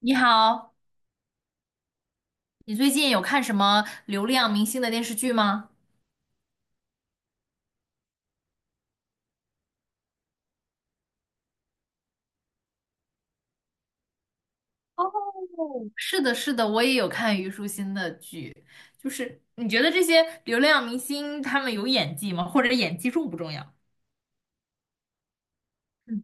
你好，你最近有看什么流量明星的电视剧吗？是的，是的，我也有看虞书欣的剧。就是你觉得这些流量明星他们有演技吗？或者演技重不重要？嗯，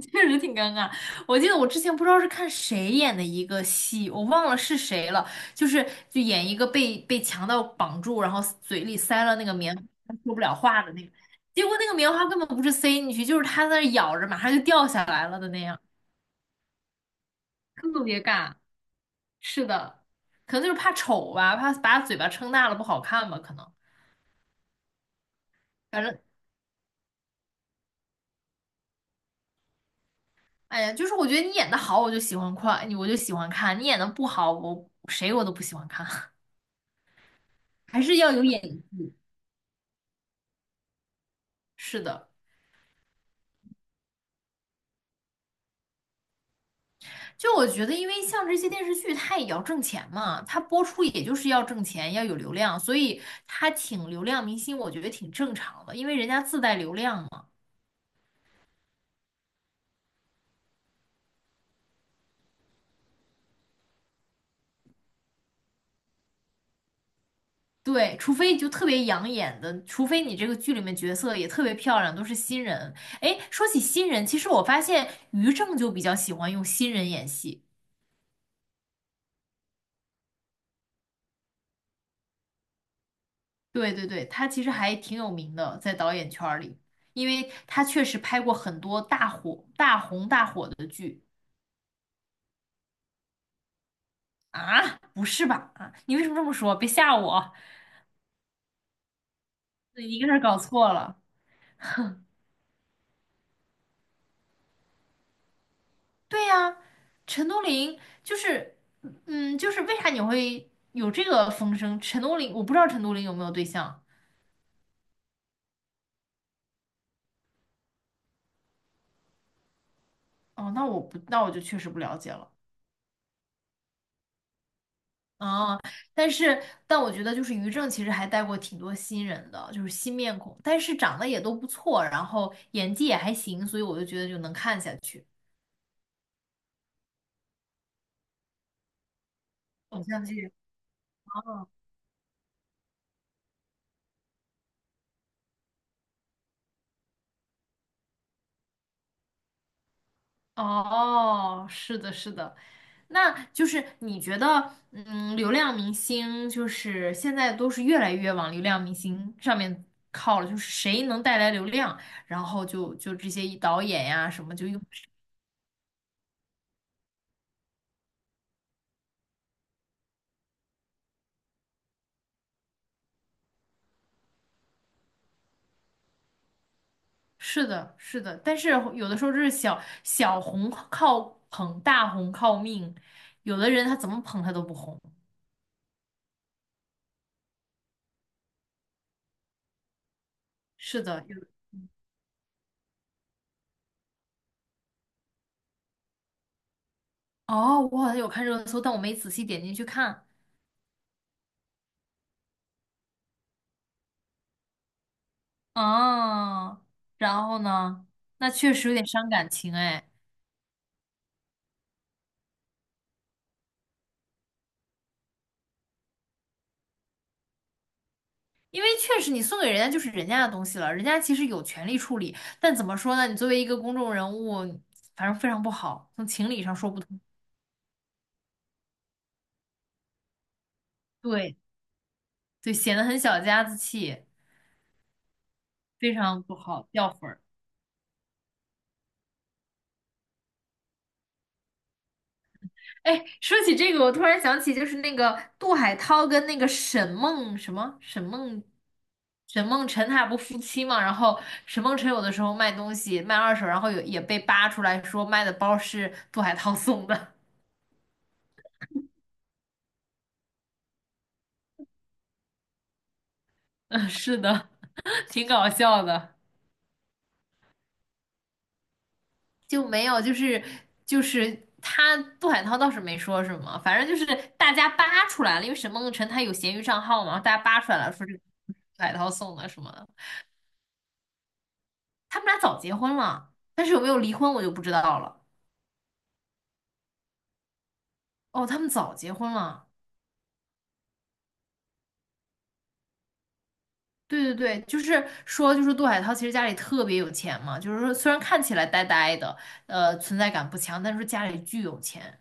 确实挺尴尬。我记得我之前不知道是看谁演的一个戏，我忘了是谁了，就是演一个被强盗绑住，然后嘴里塞了那个棉花，说不了话的那个，结果那个棉花根本不是塞进去，就是他在那儿咬着，马上就掉下来了的那样，特别尬。是的，可能就是怕丑吧，怕把嘴巴撑大了不好看吧，可能。反正，哎呀，就是我觉得你演的好，我就喜欢看，你我就喜欢看；你演的不好，我谁我都不喜欢看。还是要有演技。是的，就我觉得，因为像这些电视剧，它也要挣钱嘛，它播出也就是要挣钱，要有流量，所以它请流量明星，我觉得挺正常的，因为人家自带流量嘛。对，除非就特别养眼的，除非你这个剧里面角色也特别漂亮，都是新人。哎，说起新人，其实我发现于正就比较喜欢用新人演戏。对对对，他其实还挺有名的，在导演圈儿里，因为他确实拍过很多大火、大红大火的剧啊。不是吧？啊，你为什么这么说？别吓我，你一个人搞错了。对呀，陈都灵就是，嗯，就是为啥你会有这个风声？陈都灵，我不知道陈都灵有没有对象。哦，那我不，那我就确实不了解了。啊，但我觉得就是于正其实还带过挺多新人的，就是新面孔，但是长得也都不错，然后演技也还行，所以我就觉得就能看下去。偶像剧。哦，是的，是的，那就是你觉得，嗯，流量明星就是现在都是越来越往流量明星上面靠了，就是谁能带来流量，然后就这些导演呀什么就用，是的，是的，但是有的时候就是小红靠捧，大红靠命，有的人他怎么捧他都不红，是的，有，哦，我好像有看热搜，但我没仔细点进去看。哦，然后呢？那确实有点伤感情哎，因为确实你送给人家就是人家的东西了，人家其实有权利处理，但怎么说呢？你作为一个公众人物，反正非常不好，从情理上说不通。对对，显得很小家子气，非常不好，掉粉儿。哎，说起这个，我突然想起，就是那个杜海涛跟那个沈梦什么沈梦沈梦辰，他俩不夫妻嘛？然后沈梦辰有的时候卖东西卖二手，然后有也被扒出来说卖的包是杜海涛送的。嗯，是的，挺搞笑的。就没有，就是他杜海涛倒是没说什么，反正就是大家扒出来了，因为沈梦辰他有闲鱼账号嘛，大家扒出来了说这个杜海涛送的什么的。他们俩早结婚了，但是有没有离婚我就不知道了。哦，他们早结婚了。对对对，就是说，就是杜海涛其实家里特别有钱嘛，就是说虽然看起来呆呆的，存在感不强，但是说家里巨有钱。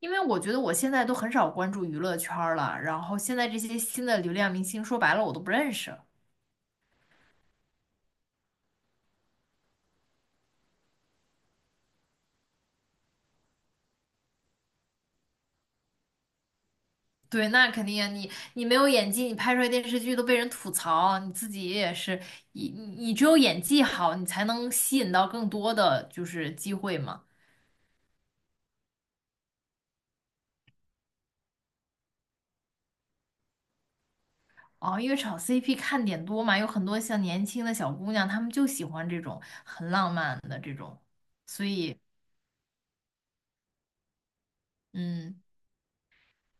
因为我觉得我现在都很少关注娱乐圈儿了，然后现在这些新的流量明星，说白了我都不认识。对，那肯定啊，你没有演技，你拍出来电视剧都被人吐槽，你自己也是，你只有演技好，你才能吸引到更多的就是机会嘛。哦，因为炒 CP 看点多嘛，有很多像年轻的小姑娘，她们就喜欢这种很浪漫的这种，所以，嗯，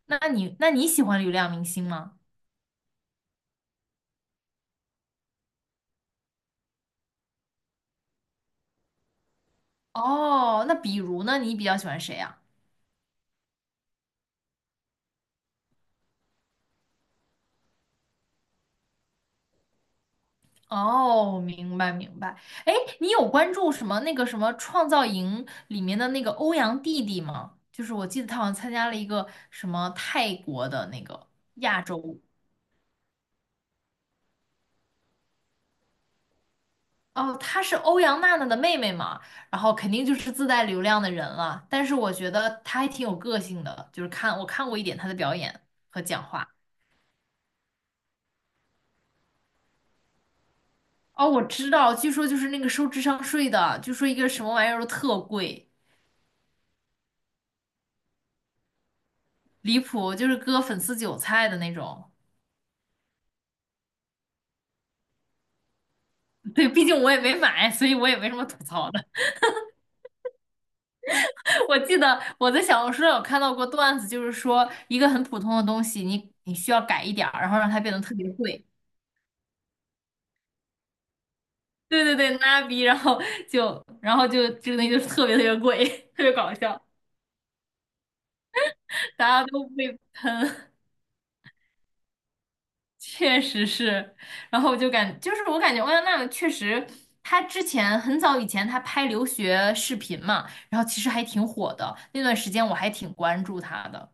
那你那你喜欢流量明星吗？哦，那比如呢，你比较喜欢谁啊？哦，明白明白。哎，你有关注什么那个什么《创造营》里面的那个欧阳弟弟吗？就是我记得他好像参加了一个什么泰国的那个亚洲。哦，她是欧阳娜娜的妹妹嘛，然后肯定就是自带流量的人了。但是我觉得她还挺有个性的，就是看我看过一点她的表演和讲话。哦，我知道，据说就是那个收智商税的，据说一个什么玩意儿都特贵，离谱，就是割粉丝韭菜的那种。对，毕竟我也没买，所以我也没什么吐槽的。我记得我在小红书上有看到过段子，就是说一个很普通的东西，你需要改一点儿，然后让它变得特别贵。对对对，拉逼，然后就然后就就那个东西就是特别特别贵，特别搞笑，大家都被确实是，然后我就感就是我感觉欧阳娜娜确实，她之前很早以前她拍留学视频嘛，然后其实还挺火的，那段时间我还挺关注她的。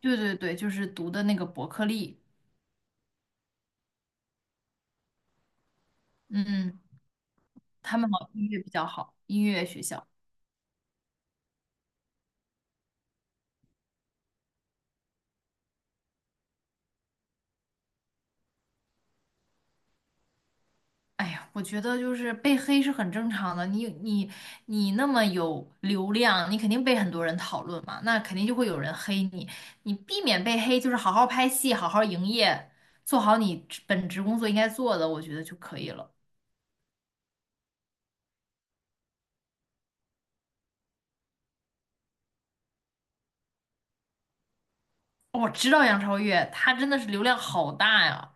对对对，就是读的那个伯克利，嗯，他们好像音乐比较好，音乐学校。哎呀，我觉得就是被黑是很正常的。你那么有流量，你肯定被很多人讨论嘛，那肯定就会有人黑你。你避免被黑，就是好好拍戏，好好营业，做好你职本职工作应该做的，我觉得就可以了。哦我知道杨超越，她真的是流量好大呀，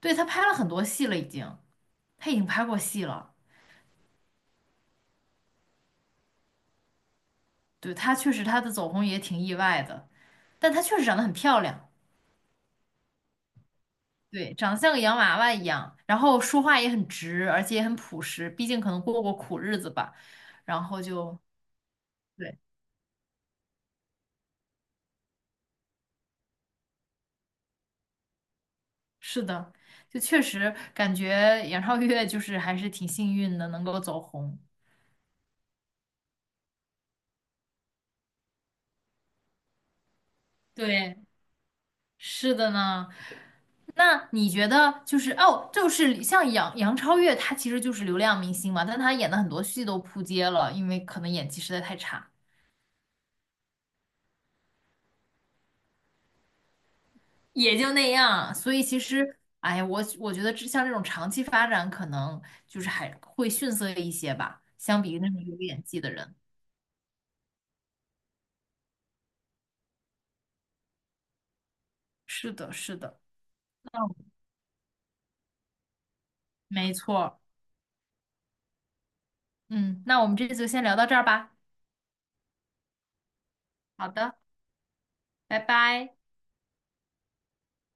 对，她拍了很多戏了，已经，她已经拍过戏了。对，她确实她的走红也挺意外的，但她确实长得很漂亮。对，长得像个洋娃娃一样，然后说话也很直，而且也很朴实，毕竟可能过过苦日子吧。然后就，对，是的，就确实感觉杨超越就是还是挺幸运的，能够走红。对，是的呢。那你觉得就是哦，就是像杨超越，她其实就是流量明星嘛，但她演的很多戏都扑街了，因为可能演技实在太差。也就那样。所以其实，哎呀，我觉得这像这种长期发展，可能就是还会逊色一些吧，相比于那种有演技的人。是的，是的，嗯，没错嗯，那我们这次就先聊到这儿吧。好的，拜拜。